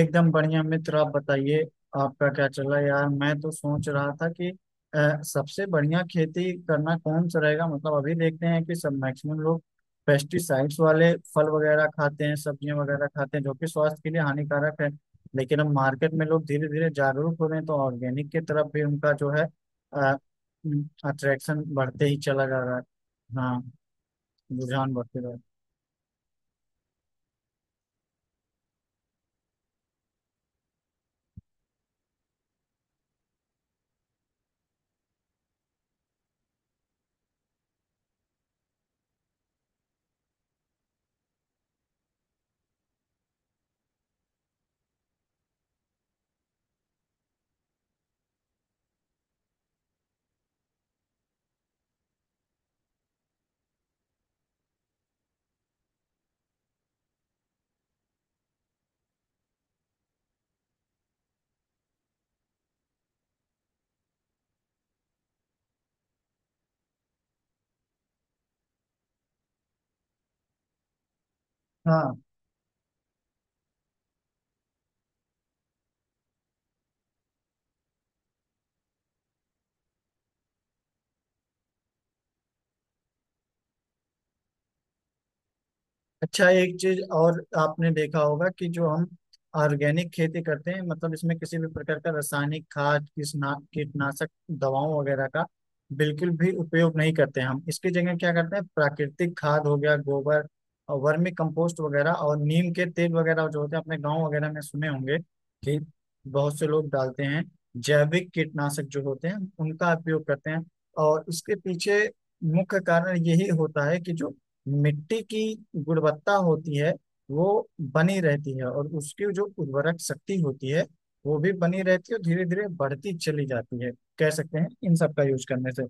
एकदम बढ़िया मित्र। आप बताइए आपका क्या चल रहा है यार। मैं तो सोच रहा था कि सबसे बढ़िया खेती करना कौन सा रहेगा। मतलब अभी देखते हैं कि सब मैक्सिमम लोग पेस्टिसाइड्स वाले फल वगैरह खाते हैं, सब्जियां वगैरह खाते हैं, जो कि स्वास्थ्य के लिए हानिकारक है। लेकिन अब मार्केट में लोग धीरे धीरे जागरूक हो रहे हैं, तो ऑर्गेनिक की तरफ भी उनका जो है अट्रैक्शन बढ़ते ही चला जा रहा है। हाँ, रुझान बढ़ते जा रहा है। हाँ। अच्छा, एक चीज और आपने देखा होगा कि जो हम ऑर्गेनिक खेती करते हैं, मतलब इसमें किसी भी प्रकार का रासायनिक खाद किसना कीटनाशक दवाओं वगैरह का बिल्कुल भी उपयोग नहीं करते हैं। हम इसकी जगह क्या करते हैं, प्राकृतिक खाद हो गया गोबर और वर्मी कंपोस्ट वगैरह और नीम के तेल वगैरह जो होते हैं, अपने गांव वगैरह में सुने होंगे कि बहुत से लोग डालते हैं, जैविक कीटनाशक जो होते हैं उनका उपयोग करते हैं। और इसके पीछे मुख्य कारण यही होता है कि जो मिट्टी की गुणवत्ता होती है वो बनी रहती है, और उसकी जो उर्वरक शक्ति होती है वो भी बनी रहती है और धीरे धीरे बढ़ती चली जाती है, कह सकते हैं इन सब का यूज करने से।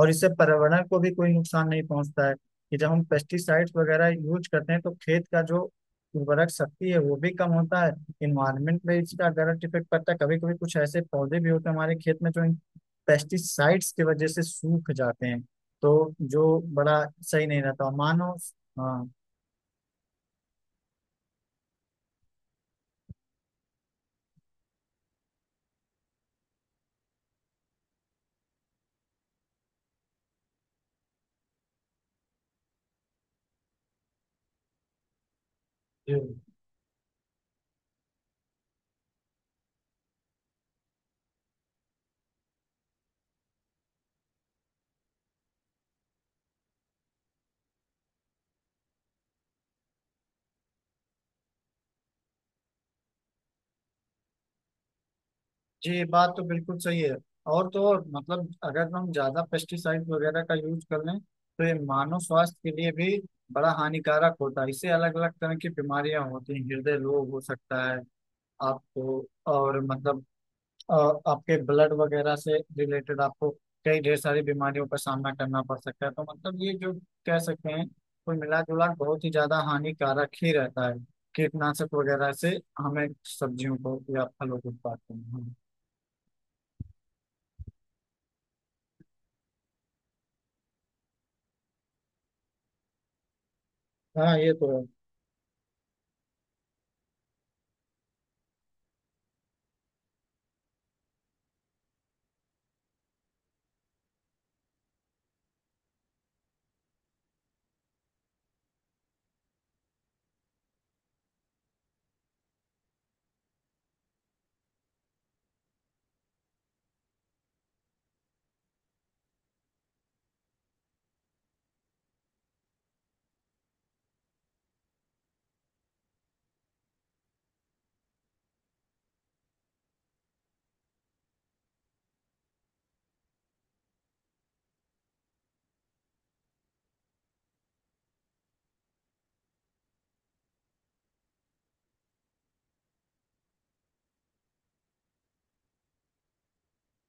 और इससे पर्यावरण को भी कोई नुकसान नहीं पहुंचता है कि जब हम पेस्टिसाइड्स वगैरह यूज करते हैं तो खेत का जो उर्वरक शक्ति है वो भी कम होता है। इन्वायरमेंट पे इसका डायरेक्ट इफेक्ट पड़ता है। कभी कभी कुछ ऐसे पौधे भी होते हैं हमारे खेत में जो इन पेस्टिसाइड्स की वजह से सूख जाते हैं, तो जो बड़ा सही नहीं रहता मानो। हाँ। जी, बात तो बिल्कुल सही है। और तो और मतलब अगर हम ज्यादा पेस्टिसाइड वगैरह का यूज कर लें तो ये मानव स्वास्थ्य के लिए भी बड़ा हानिकारक होता है। इससे अलग अलग तरह की बीमारियां होती हैं, हृदय रोग हो सकता है आपको, और मतलब अ, आपके ब्लड वगैरह से रिलेटेड आपको कई ढेर सारी बीमारियों का सामना करना पड़ सकता है। तो मतलब ये जो कह सकते हैं, कुल मिला जुला के बहुत ही ज्यादा हानिकारक ही रहता है कीटनाशक वगैरह से, हमें सब्जियों को या फलों को उत्पाद करना। हाँ, ये तो है।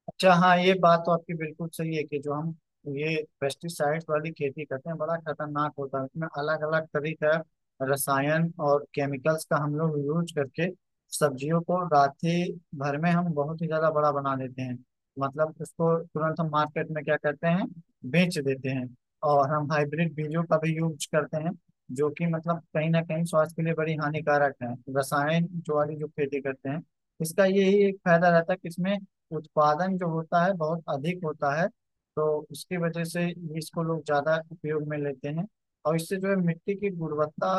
अच्छा हाँ, ये बात तो आपकी बिल्कुल सही है कि जो हम ये पेस्टिसाइड्स वाली खेती करते हैं बड़ा खतरनाक होता है। इसमें अलग अलग तरह का रसायन और केमिकल्स का हम लोग यूज करके सब्जियों को रात्रि भर में हम बहुत ही ज्यादा बड़ा बना देते हैं। मतलब उसको तुरंत हम मार्केट में क्या करते हैं, बेच देते हैं। और हम हाइब्रिड बीजों का भी यूज करते हैं, जो कि मतलब कहीं ना कहीं स्वास्थ्य के लिए बड़ी हानिकारक है रसायन जो वाली जो खेती करते हैं। इसका यही एक फायदा रहता है कि इसमें उत्पादन जो होता है बहुत अधिक होता है, तो उसकी वजह से इसको लोग ज्यादा उपयोग में लेते हैं। और इससे जो है मिट्टी की गुणवत्ता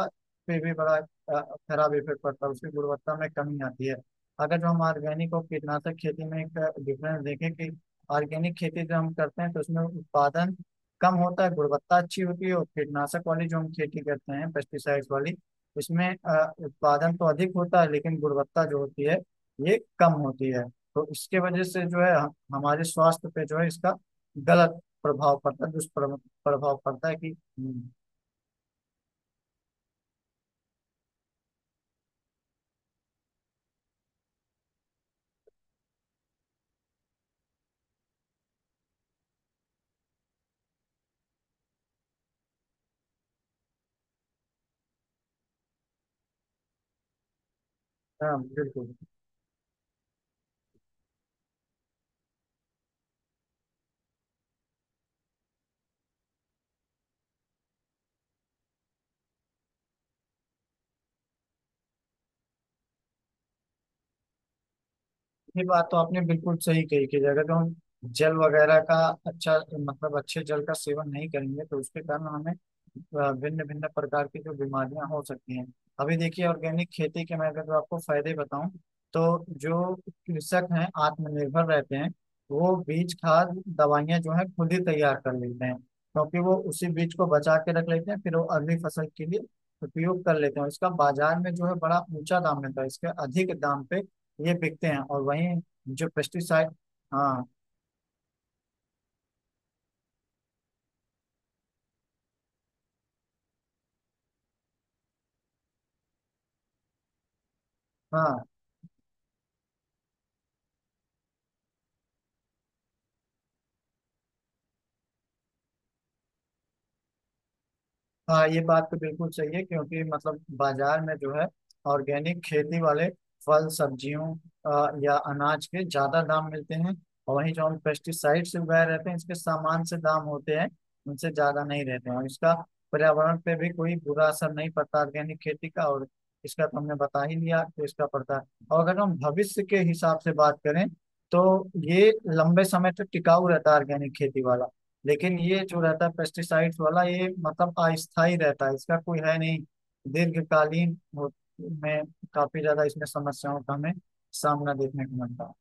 पे भी बड़ा खराब इफेक्ट पड़ता है, उसकी गुणवत्ता में कमी आती है। अगर जो हम ऑर्गेनिक और कीटनाशक खेती में एक डिफरेंस देखें कि ऑर्गेनिक खेती जो हम करते हैं तो उसमें उत्पादन कम होता है, गुणवत्ता अच्छी होती है। और कीटनाशक वाली जो हम खेती करते हैं पेस्टिसाइड्स वाली, इसमें उत्पादन तो अधिक होता है लेकिन गुणवत्ता जो होती है ये कम होती है। तो इसके वजह से जो है हमारे स्वास्थ्य पे जो है इसका गलत प्रभाव पड़ता है, दुष्प्रभाव प्रभाव पड़ता है कि हाँ बिल्कुल। ये बात तो आपने बिल्कुल सही कही कि अगर जो हम जल वगैरह का अच्छा मतलब अच्छे जल का सेवन नहीं करेंगे तो उसके कारण हमें भिन्न भिन्न प्रकार की जो बीमारियां हो सकती हैं। अभी देखिए ऑर्गेनिक खेती के मैं अगर जो आपको फायदे बताऊं, तो जो कृषक हैं आत्मनिर्भर रहते हैं। वो बीज खाद दवाइयां जो है खुद ही तैयार कर लेते हैं, क्योंकि वो उसी बीज को बचा के रख लेते हैं फिर वो अगली फसल के लिए उपयोग कर लेते हैं। और इसका बाजार में जो है बड़ा ऊंचा दाम मिलता है, इसके अधिक दाम पे ये बिकते हैं। और वहीं जो पेस्टिसाइड। हाँ हाँ हाँ, ये बात तो बिल्कुल सही है क्योंकि मतलब बाजार में जो है ऑर्गेनिक खेती वाले फल सब्जियों या अनाज के ज्यादा दाम मिलते हैं। और वहीं जो हम पेस्टिसाइड से उगाए रहते हैं इसके सामान से दाम होते हैं, उनसे ज्यादा नहीं रहते हैं। और इसका पर्यावरण पे भी कोई बुरा असर नहीं पड़ता ऑर्गेनिक खेती का, और इसका तो हमने बता ही लिया तो इसका पड़ता है। और अगर हम भविष्य के हिसाब से बात करें तो ये लंबे समय तक टिकाऊ रहता है ऑर्गेनिक खेती वाला। लेकिन ये जो रहता है पेस्टिसाइड्स वाला ये मतलब अस्थायी रहता है, इसका कोई है नहीं। दीर्घकालीन हो- में काफी ज्यादा इसमें समस्याओं का हमें सामना देखने को मिलता है।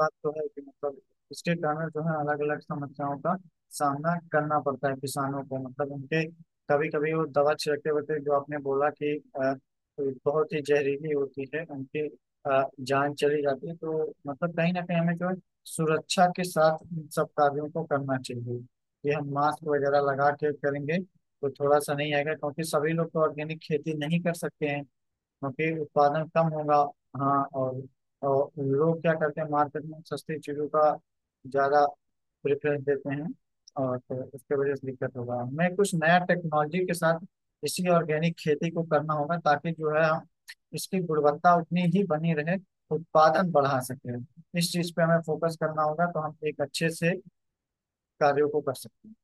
बात तो है कि मतलब इसके कारण जो है अलग अलग समस्याओं का सामना करना पड़ता है किसानों को, मतलब उनके कभी कभी वो दवा छिड़कते वक्त, जो आपने बोला कि अ, बहुत ही जहरीली होती है, उनकी अ, जान चली जाती है। तो मतलब कहीं ना कहीं हमें जो है सुरक्षा के साथ इन सब कार्यों को करना चाहिए। ये हम मास्क वगैरह लगा के करेंगे तो थोड़ा सा नहीं आएगा, क्योंकि सभी लोग तो ऑर्गेनिक खेती नहीं कर सकते हैं क्योंकि उत्पादन कम होगा। हाँ और लोग क्या करते हैं मार्केट में सस्ती चीज़ों का ज़्यादा प्रेफरेंस देते हैं। और तो उसके वजह से दिक्कत होगा, हमें कुछ नया टेक्नोलॉजी के साथ इसी ऑर्गेनिक खेती को करना होगा, ताकि जो है हम इसकी गुणवत्ता उतनी ही बनी रहे, उत्पादन बढ़ा सके। इस चीज़ पे हमें फोकस करना होगा, तो हम एक अच्छे से कार्यों को कर सकते हैं।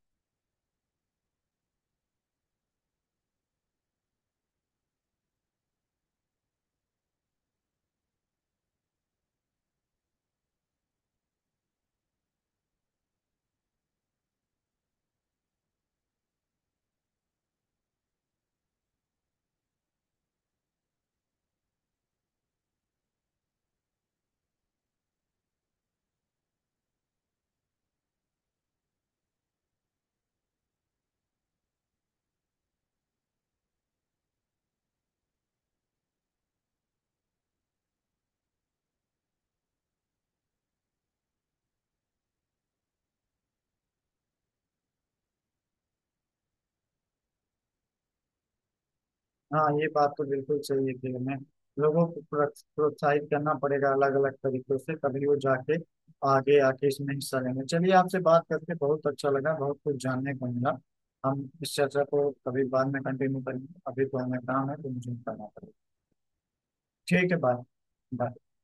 हाँ, ये बात तो बिल्कुल सही है कि हमें लोगों को प्रोत्साहित करना पड़ेगा अलग अलग तरीकों से, तभी वो जाके आगे आके इसमें हिस्सा लेंगे। चलिए, आपसे बात करके बहुत अच्छा लगा, बहुत कुछ जानने को मिला। हम इस चर्चा को कभी बाद में कंटिन्यू करेंगे, अभी तो हमें काम है तो मुझे करना पड़ेगा। ठीक है, बाय बाय।